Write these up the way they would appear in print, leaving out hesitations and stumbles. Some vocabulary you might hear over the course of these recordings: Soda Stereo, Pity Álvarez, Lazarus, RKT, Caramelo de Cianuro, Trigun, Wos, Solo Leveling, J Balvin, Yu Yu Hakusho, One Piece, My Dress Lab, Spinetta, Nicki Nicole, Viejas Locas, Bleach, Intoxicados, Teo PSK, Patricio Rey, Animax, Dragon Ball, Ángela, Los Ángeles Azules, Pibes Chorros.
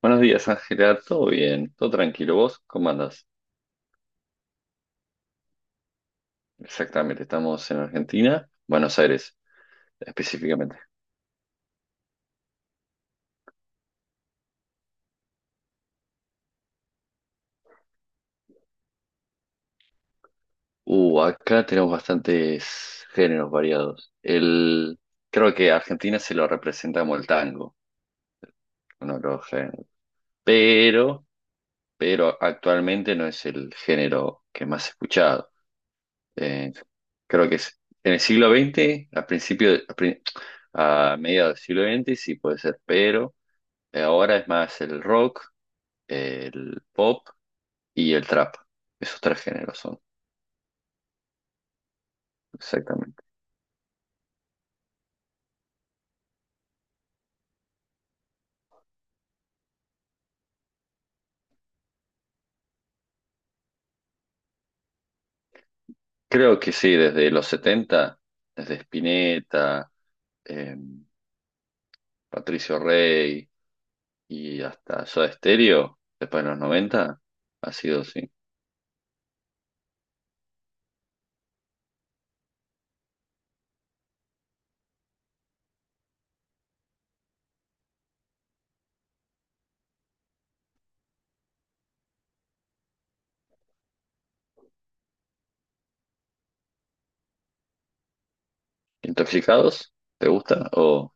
Buenos días, Ángela. ¿Todo bien? ¿Todo tranquilo? ¿Vos cómo andás? Exactamente, estamos en Argentina, Buenos Aires específicamente. Acá tenemos bastantes géneros variados. Creo que a Argentina se lo representa como el tango, uno de los géneros. Pero, pero actualmente no es el género que más he escuchado. Eh, Creo que es en el siglo XX, a principio, a, pri- a mediados del siglo XX, sí puede ser, pero ahora es más el rock, el pop y el trap. Esos tres géneros son. Exactamente. Creo que sí, desde los setenta, desde Spinetta, eh, Patricio Rey y hasta Soda Stereo, después de los noventa, ha sido, sí. ¿Intoxicados? ¿Te gusta?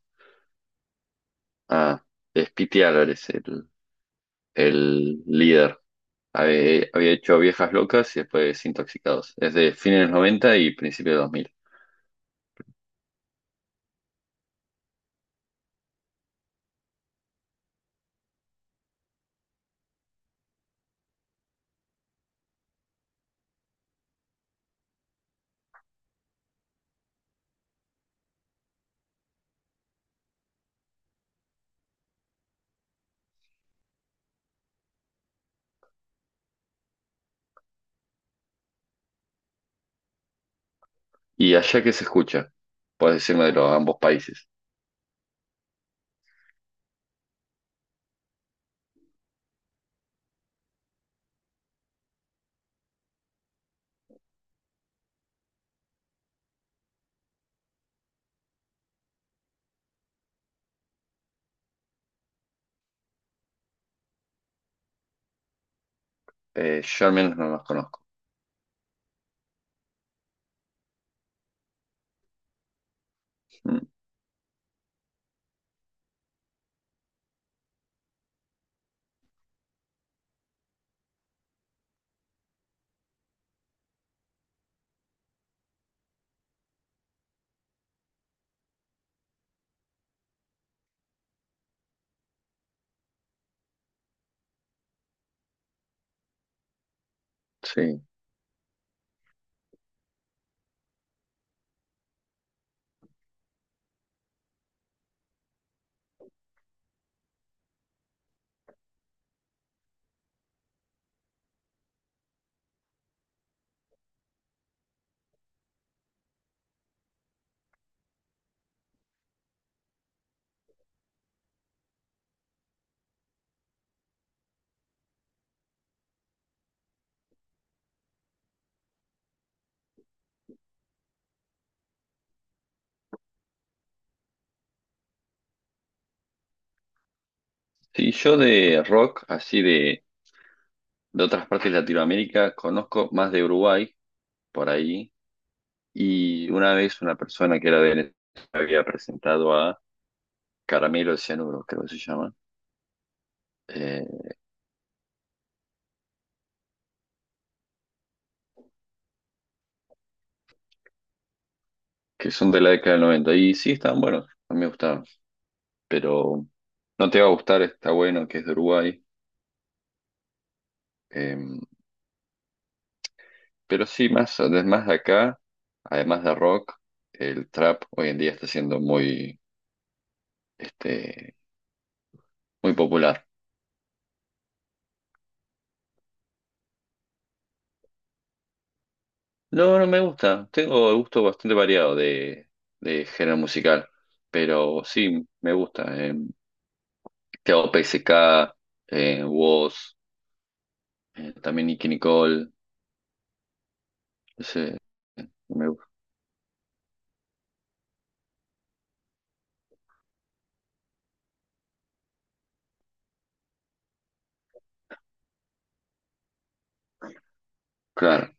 ah, es Pity Álvarez, el líder. Había hecho Viejas Locas y después Intoxicados. Es de fines de los 90 y principios de dos mil. ¿Y allá que se escucha? Puedes decirme de los ambos países. Yo al menos no los conozco. Mm, sí. Sí, yo de rock, así de otras partes de Latinoamérica, conozco más de Uruguay, por ahí. Y una vez una persona que era de Venezuela había presentado a Caramelo de Cianuro, creo que se llama, eh, que son de la década del noventa. Y sí, están buenos, a mí me gustaron. Pero no te va a gustar, está bueno que es de Uruguay. em, Pero sí, más, además de acá, además de rock, el trap hoy en día está siendo muy, este, muy popular. No, no me gusta. Tengo gusto bastante variado de género musical. Pero sí, me gusta. Teo PSK, Wos, también Nicki Nicole. ese- Me gusta. Claro.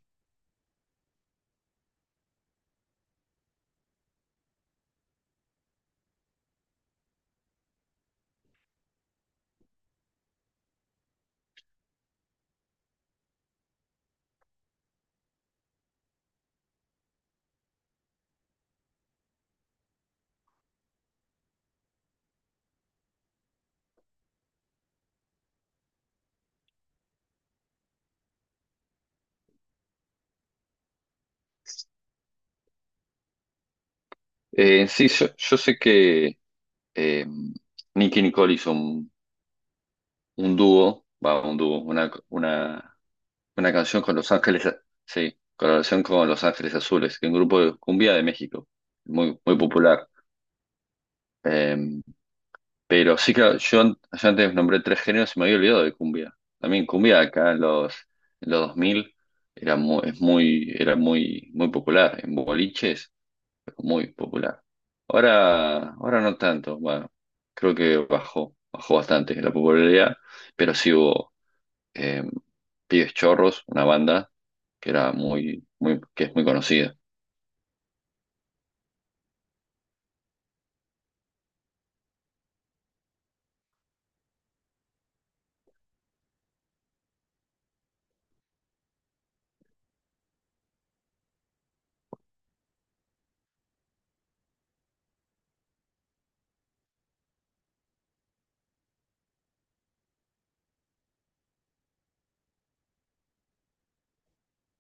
Sí, yo sé que eh, Nicki Nicole hizo un dúo, va, un dúo, una canción con Los Ángeles, sí, colaboración con Los Ángeles Azules, que es un grupo de cumbia de México, muy, muy popular. Eh, pero sí, claro, yo antes nombré tres géneros y me había olvidado de cumbia. También cumbia acá en los, 2000 era muy, es muy, era muy, muy popular, en boliches, muy popular. Ahora, ahora no tanto, bueno, creo que bajó, bajó bastante la popularidad, pero sí hubo eh, Pibes Chorros, una banda que era muy, muy, que es muy conocida.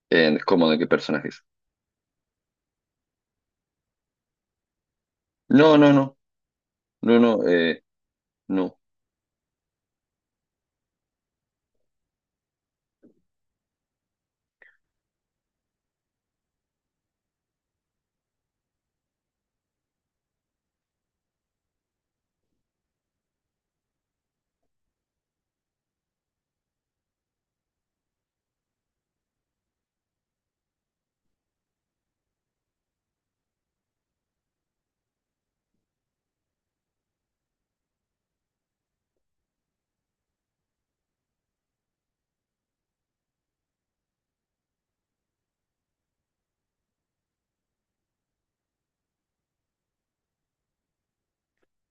¿Cómo de qué personajes? No, no, no, no, no, no.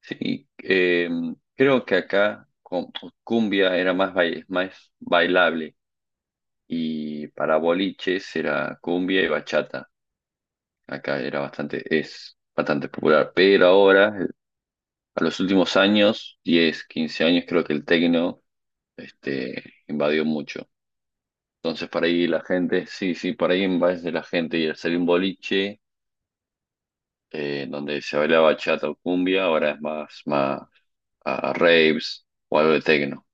Sí, creo que acá cumbia era más, más bailable y para boliches era cumbia y bachata. Acá era bastante, es bastante popular, pero ahora, a los últimos años, 10, 15 años, creo que el tecno este, invadió mucho. Entonces, por ahí la gente, sí, sí, por ahí en vez de la gente y el salir un boliche, donde se bailaba bachata o cumbia, ahora es más a raves o algo de tecno.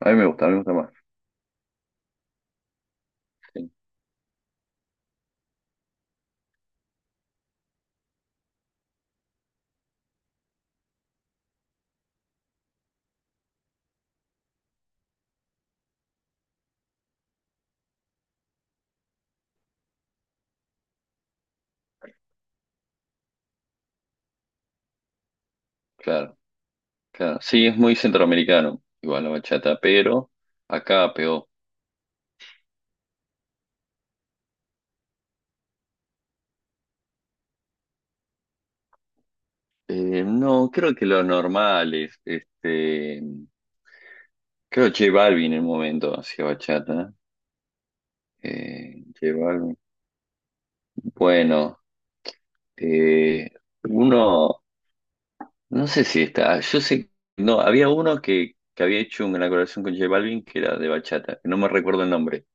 A mí me gusta, a mí me gusta más. Sí, claro, claro. Sí, es muy centroamericano, igual la bachata, pero acá pegó. No, creo que lo normal es, este, creo J Balvin en un momento hacía bachata. J Balvin. Bueno, eh, uno. No sé si está, yo sé, no, había uno que había hecho una colaboración con J Balvin que era de bachata, que no me recuerdo el nombre.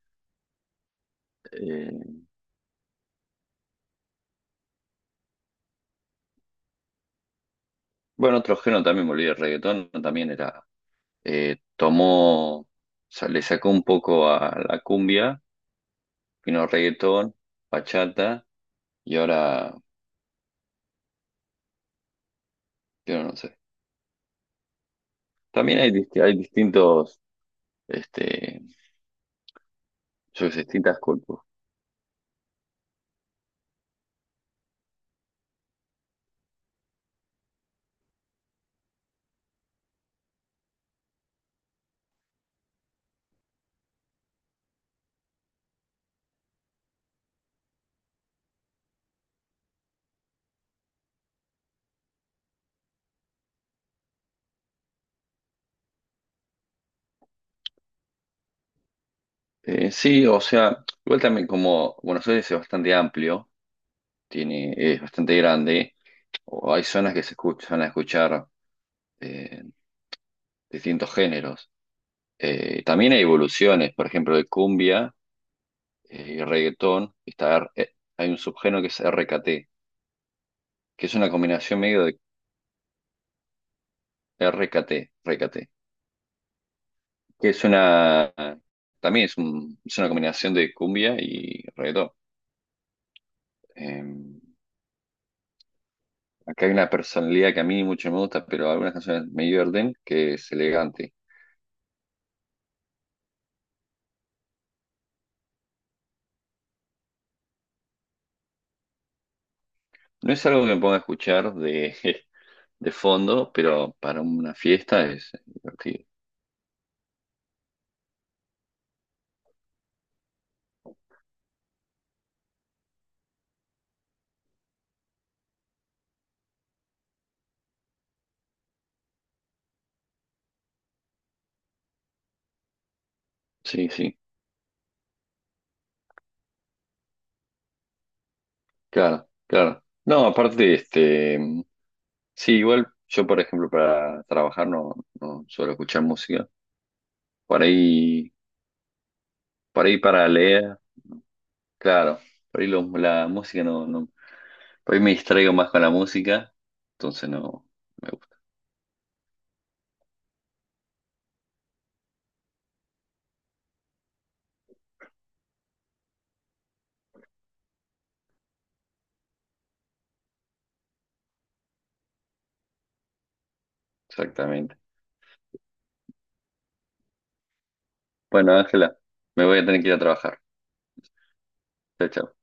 Eh, bueno, otro género también, me olvidé, el reggaetón también era, tomó, o sea, le sacó un poco a la cumbia, vino reggaetón, bachata, y ahora, yo no sé. También hay distintos, este, yo qué sé, distintas culpas. Sí, o sea, igual también como Buenos Aires es bastante amplio, tiene, es bastante grande. O hay zonas que se escuchan a escuchar eh, distintos géneros. También hay evoluciones, por ejemplo, de cumbia y reggaetón. Hay un subgénero que es RKT, que es una combinación medio de RKT, RKT, que es una, también es, es una combinación de cumbia y reggaetón. Eh, Acá hay una personalidad que a mí mucho me gusta, pero algunas canciones me divierten, que es elegante. No es algo que me ponga a escuchar de, de fondo, pero para una fiesta es divertido. Sí, sí, claro, claro. No, aparte, este, sí, igual yo, por ejemplo, para trabajar no, suelo escuchar música. Por ahí, por ahí para leer, claro, por ahí la música no, por ahí me distraigo más con la música, entonces no me gusta, exactamente. Bueno, Ángela, me voy a tener que ir a trabajar. Chao, chao.